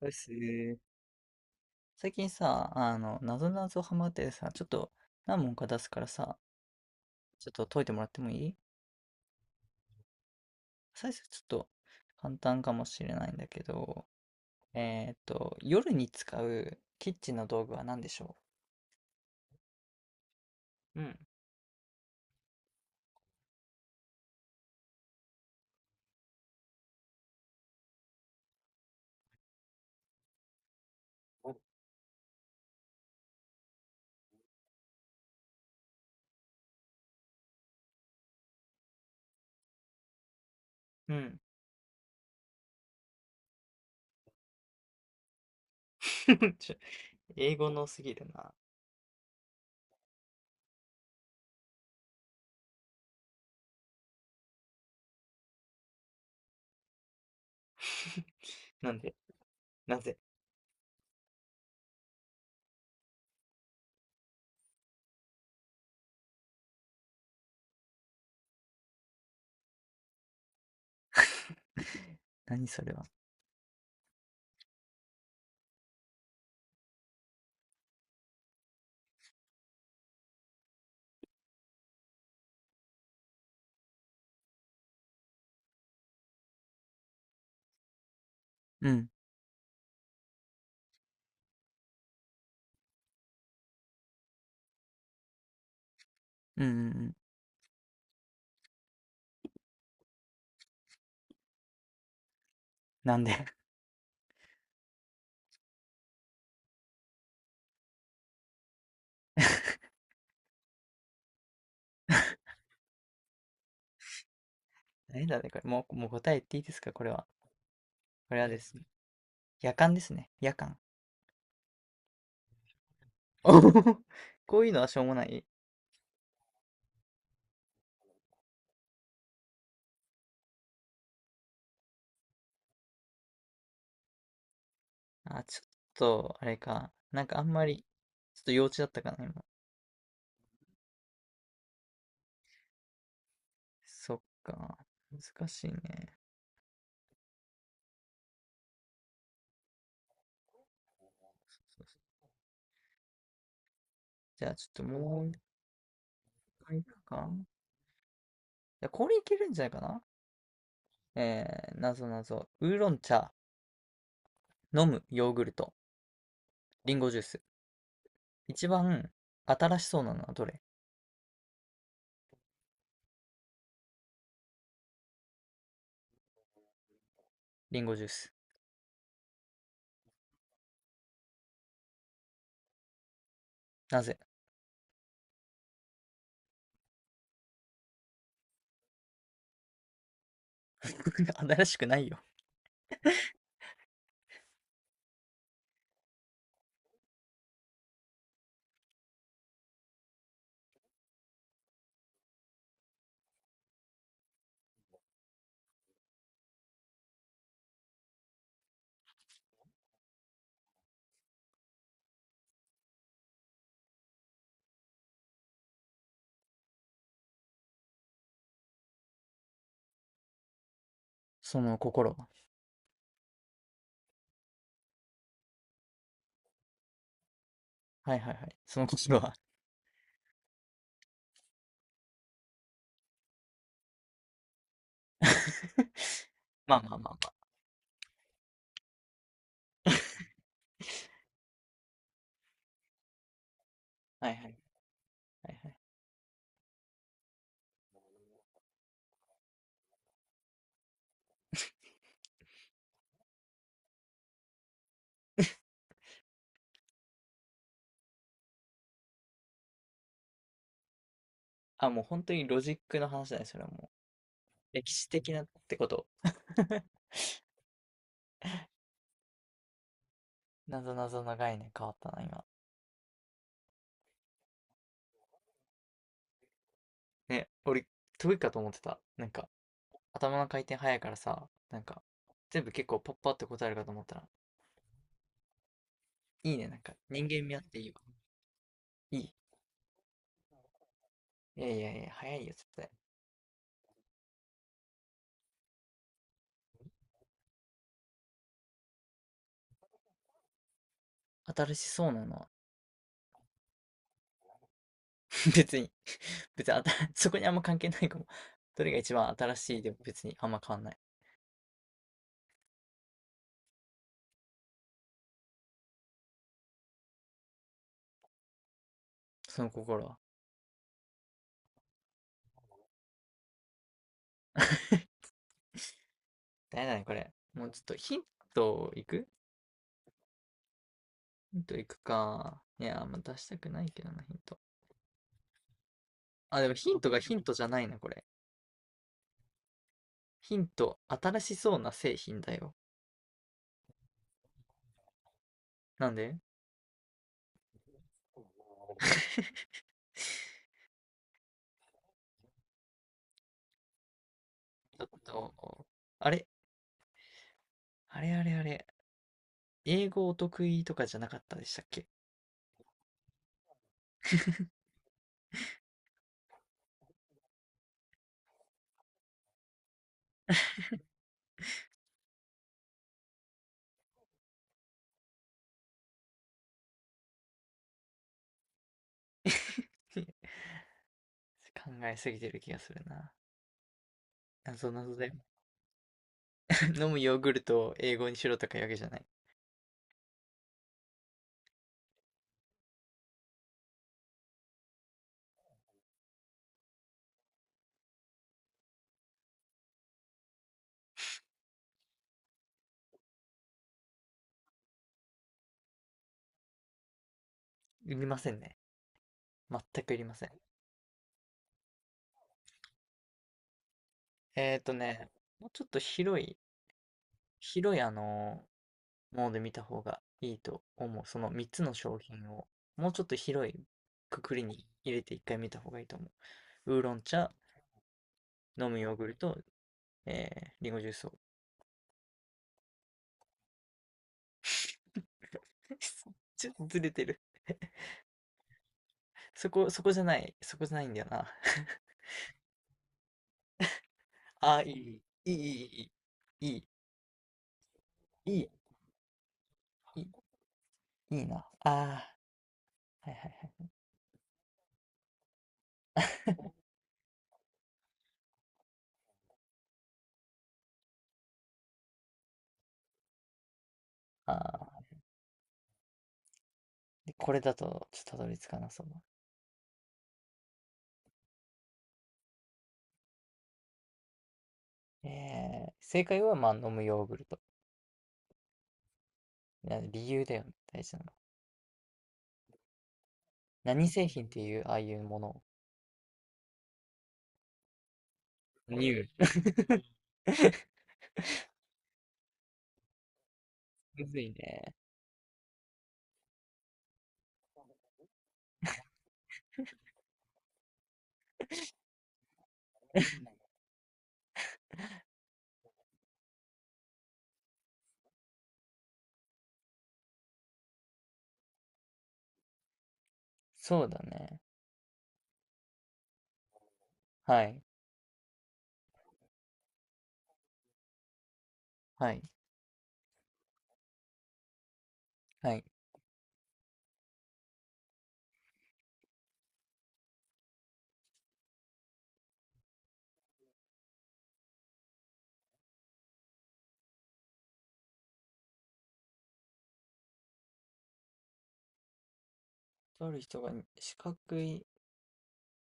ですね。最近さ、なぞなぞハマっててさ、ちょっと何問か出すからさ、ちょっと解いてもらってもいい？最初ちょっと簡単かもしれないんだけど、夜に使うキッチンの道具は何でしょう？うん。うん。ちょ、英語のすぎるな。なんで？なぜ？何それは？うん、うん、うんうん。なんで？ 何だね、これ。もう答え言っていいですかこれは。これはですね、夜間ですね。夜間。おほほほ、こういうのはしょうもない。あ、ちょっと、あれか。なんかあんまり、ちょっと幼稚だったかな、今。そっか。難しいね。そうそうそう、じゃあ、ちょっともう一回いくか。いや、これいけるんじゃないかな？えー、なぞなぞ。ウーロン茶、飲むヨーグルト、リンゴジュース。一番新しそうなのはどれ？リンゴジュース。なぜ？ 新しくないよ。その心は。はいはいはい。その心は。まあまあまあまあ。はいはい。はいはい。あ、もう本当にロジックの話だね、それはもう。歴史的なってこと。なぞなぞの概念変わったな、今。ね、俺、得意かと思ってた。なんか、頭の回転早いからさ、なんか、全部結構パッパって答えるかと思ったら、いいね、なんか、人間味あっていいわ。いい。いやいやいや、早いよ、絶対。新しそうなのは、別に、別にあた、そこにあんま関係ないかも。どれが一番新しいでも別にあんま変わんない。その心は。誰だね、これ。もうちょっとヒントいく、ヒントいくか。いやー、まあ出したくないけどな、ヒント。あ、でもヒントがヒントじゃないな、これ。ヒント、新しそうな製品だよ。なんで？ちょっと、あれあれあれあれ。英語お得意とかじゃなかったでしたっけ？ 考えすぎてる気がするな。謎謎だよ。飲むヨーグルトを英語にしろとかいうわけじゃない。いりませんね。全くいりません。えっとね、もうちょっと広い、広いあのモーで見た方がいいと思う。その3つの商品を、もうちょっと広いくくりに入れて一回見た方がいいと思う。ウーロン茶、飲むヨーグルト、えー、リンゴジュースを。ちょっとずれてる。そこ、そこじゃない。そこじゃないんだよな。あー、いい、いい、いい、いい、いい、いい、いいな。あー、はいはいはい。あー、でこれだと、ちょっとたどり着かなそうだ。えー、正解は、まあ、飲むヨーグルト。いや理由だよね、大事なの。何製品っていう、ああいうもの。ニュー。むずいね。そうだね。はい。はい。はい。とある人が四角い、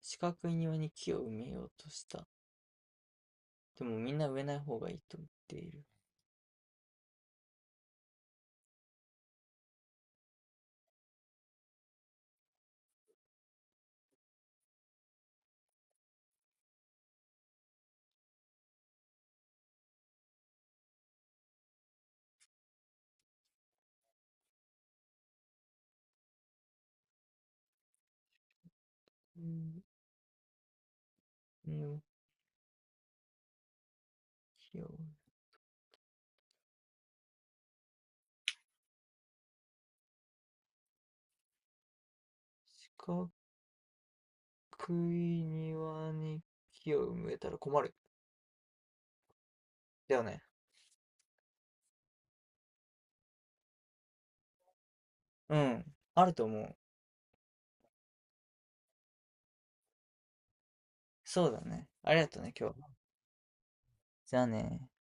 四角い庭に木を埋めようとした。でもみんな植えない方がいいと言っている。うん、の木を、四角い庭に木を埋めたら困る。だよね。うん。あると思う。そうだね。ありがとうね、今日は。じゃあね。